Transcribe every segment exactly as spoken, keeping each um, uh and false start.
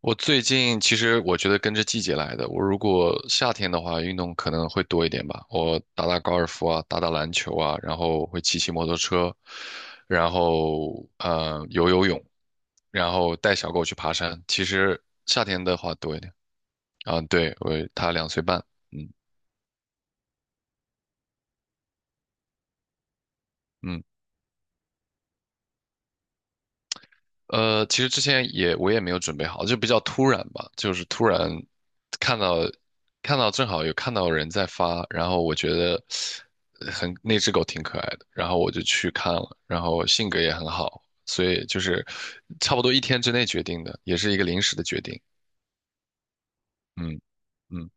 我最近其实我觉得跟着季节来的。我如果夏天的话，运动可能会多一点吧。我打打高尔夫啊，打打篮球啊，然后会骑骑摩托车，然后呃游游泳，然后带小狗去爬山。其实夏天的话多一点啊。对，我他两岁半。嗯嗯呃，其实之前也我也没有准备好，就比较突然吧，就是突然看到看到正好有看到人在发，然后我觉得呃很那只狗挺可爱的，然后我就去看了，然后性格也很好，所以就是差不多一天之内决定的，也是一个临时的决定。嗯嗯，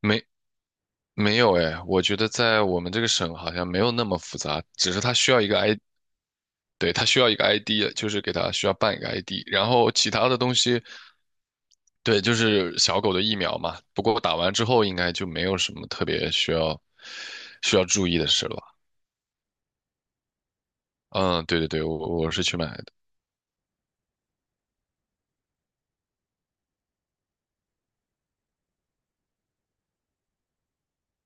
没没有哎，我觉得在我们这个省好像没有那么复杂，只是它需要一个 I，对，它需要一个 I D，就是给它需要办一个 I D，然后其他的东西。对，就是小狗的疫苗嘛。不过打完之后应该就没有什么特别需要需要注意的事了吧？嗯，对对对，我我是去买的。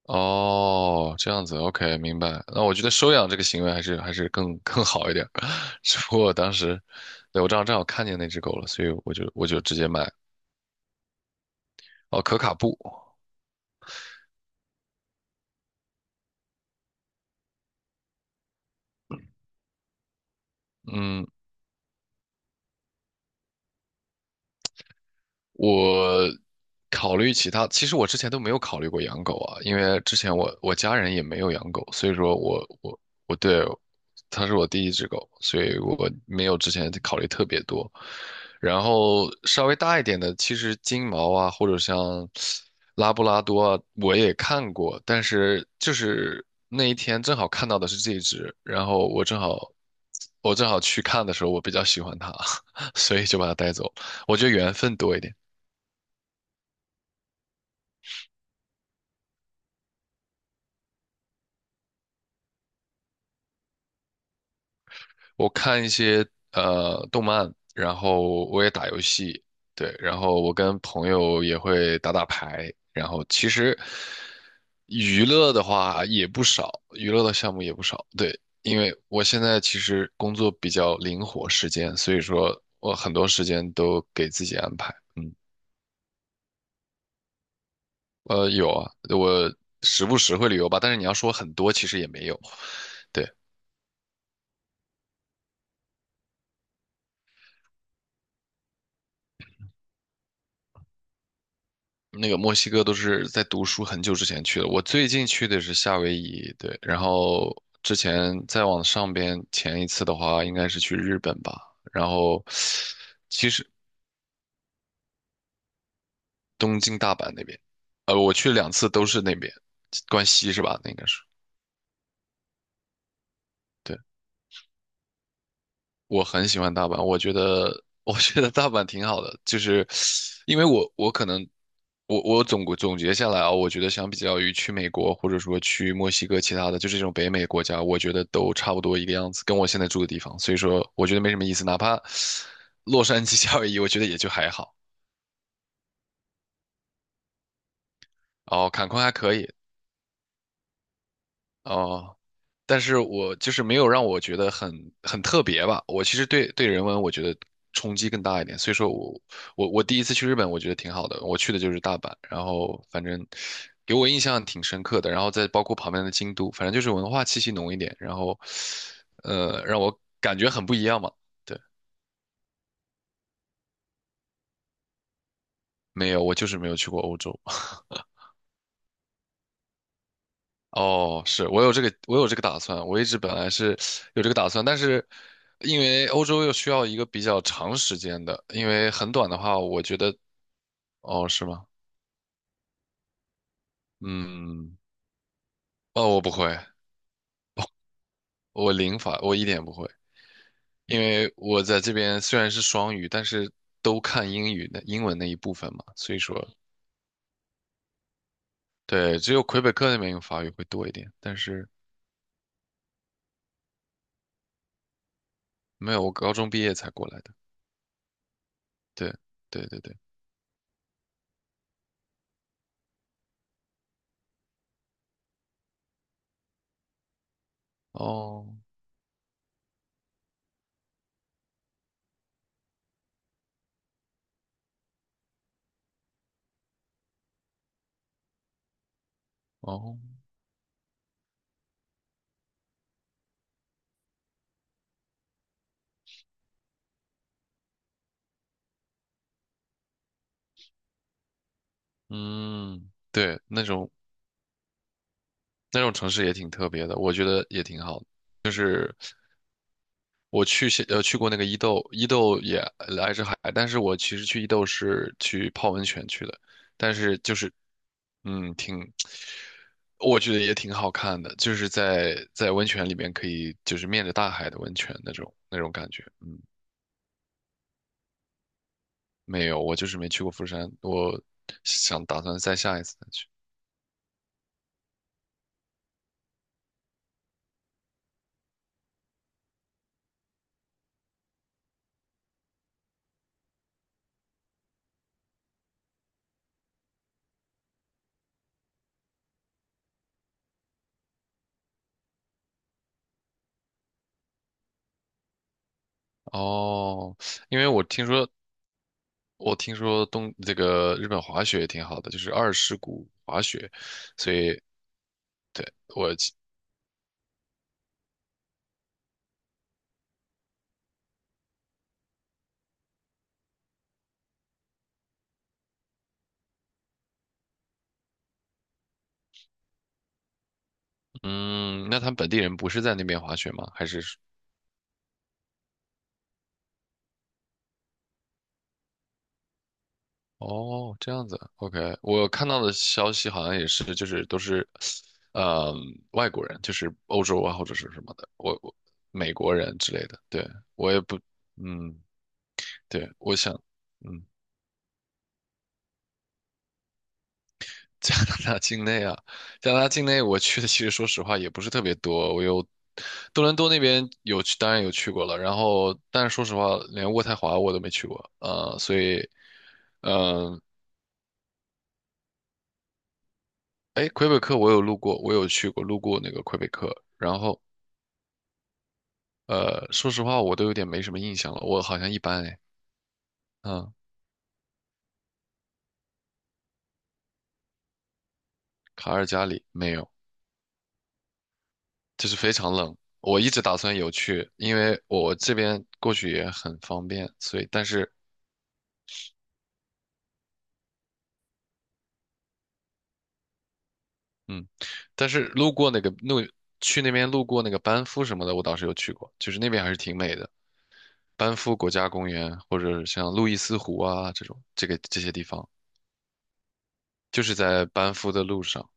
哦，这样子，OK，明白。那我觉得收养这个行为还是还是更更好一点。只不过当时，对，我正好正好看见那只狗了，所以我就我就直接买。哦，可卡布。嗯。我考虑其他，其实我之前都没有考虑过养狗啊，因为之前我我家人也没有养狗，所以说我我我对它是我第一只狗，所以我没有之前考虑特别多。然后稍微大一点的，其实金毛啊，或者像拉布拉多啊，我也看过，但是就是那一天正好看到的是这一只，然后我正好我正好去看的时候，我比较喜欢它。所以就把它带走了。我觉得缘分多一点。我看一些呃动漫，然后我也打游戏。对，然后我跟朋友也会打打牌，然后其实娱乐的话也不少，娱乐的项目也不少。对，因为我现在其实工作比较灵活时间，所以说我很多时间都给自己安排。嗯。呃，有啊，我时不时会旅游吧，但是你要说很多，其实也没有。对。那个墨西哥都是在读书很久之前去的，我最近去的是夏威夷。对，然后之前再往上边前一次的话，应该是去日本吧，然后东京、大阪那边。呃，我去两次都是那边。关西是吧？那应该是。对。我很喜欢大阪，我觉得我觉得大阪挺好的。就是因为我我可能我我总总结下来啊，我觉得相比较于去美国或者说去墨西哥其他的，就是这种北美国家，我觉得都差不多一个样子，跟我现在住的地方，所以说我觉得没什么意思。哪怕洛杉矶、夏威夷，我觉得也就还好。哦，坎昆还可以。哦。但是我就是没有让我觉得很很特别吧。我其实对对人文我觉得冲击更大一点，所以说我我我第一次去日本，我觉得挺好的。我去的就是大阪，然后反正给我印象挺深刻的。然后再包括旁边的京都，反正就是文化气息浓一点，然后呃让我感觉很不一样嘛。对。没有，我就是没有去过欧洲。哦，是我有这个，我有这个打算。我一直本来是有这个打算，但是因为欧洲又需要一个比较长时间的，因为很短的话，我觉得。哦，是吗？嗯。哦，我不会，我零法，我一点也不会。因为我在这边虽然是双语，但是都看英语的英文那一部分嘛，所以说，对，只有魁北克那边用法语会多一点，但是没有，我高中毕业才过来的。对，对对对，哦哦。嗯。对，那种那种城市也挺特别的，我觉得也挺好的。我去西呃去过那个伊豆，伊豆也挨着海，但是我其实去伊豆是去泡温泉去的。但是就是嗯挺，我觉得也挺好看的，就是在在温泉里面可以就是面着大海的温泉那种那种感觉。嗯。没有，我就是没去过釜山，我想打算再下一次再去。哦，因为我听说我听说东这个日本滑雪也挺好的，就是二世谷滑雪，所以对我记嗯。那他们本地人不是在那边滑雪吗？还是说哦，这样子？OK，我看到的消息好像也是，就是都是，呃，外国人，就是欧洲啊或者是什么的，我我美国人之类的。对我也不，嗯，对，我想。嗯。加拿大境内啊，加拿大境内我去的其实说实话也不是特别多。我有多伦多那边有去，当然有去过了，然后但是说实话，连渥太华我都没去过，呃，所以，嗯、呃，哎，魁北克我有路过，我有去过，路过那个魁北克，然后呃，说实话我都有点没什么印象了，我好像一般哎。嗯。卡尔加里没有，就是非常冷。我一直打算有去，因为我这边过去也很方便，所以但是嗯，但是路过那个路，去那边路过那个班夫什么的，我倒是有去过，就是那边还是挺美的。班夫国家公园或者像路易斯湖啊这种，这个这些地方，就是在班夫的路上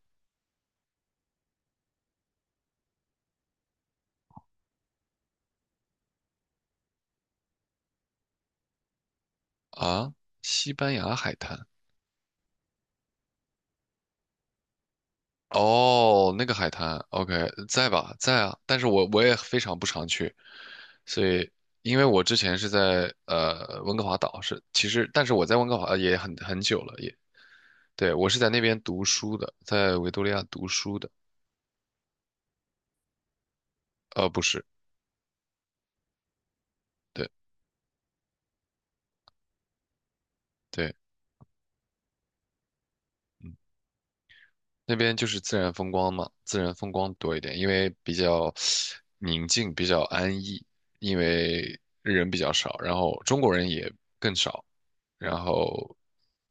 啊。西班牙海滩。哦，那个海滩，OK，在吧，在啊。但是我我也非常不常去，所以因为我之前是在呃温哥华岛，是其实，但是我在温哥华呃也很很久了，也对，我是在那边读书的，在维多利亚读书的。呃，不是，对对。嗯。那边就是自然风光嘛，自然风光多一点，因为比较宁静，比较安逸，因为人比较少，然后中国人也更少，然后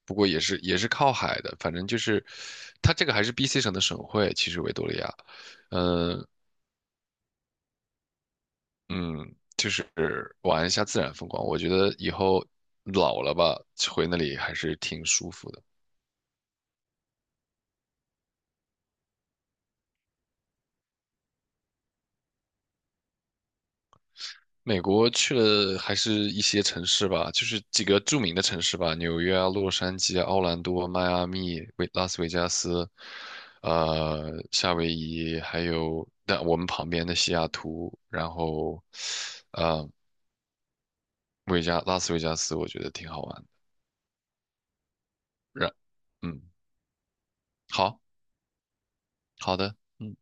不过也是也是靠海的，反正就是它这个还是 B C 省的省会，其实维多利亚。嗯嗯，就是玩一下自然风光，我觉得以后老了吧，回那里还是挺舒服的。美国去了还是一些城市吧，就是几个著名的城市吧，纽约啊、洛杉矶啊、奥兰多、迈阿密、维拉斯维加斯，呃，夏威夷，还有但我们旁边的西雅图，然后，呃，维加拉斯维加斯，我觉得挺好玩的。然，嗯，好好的，嗯。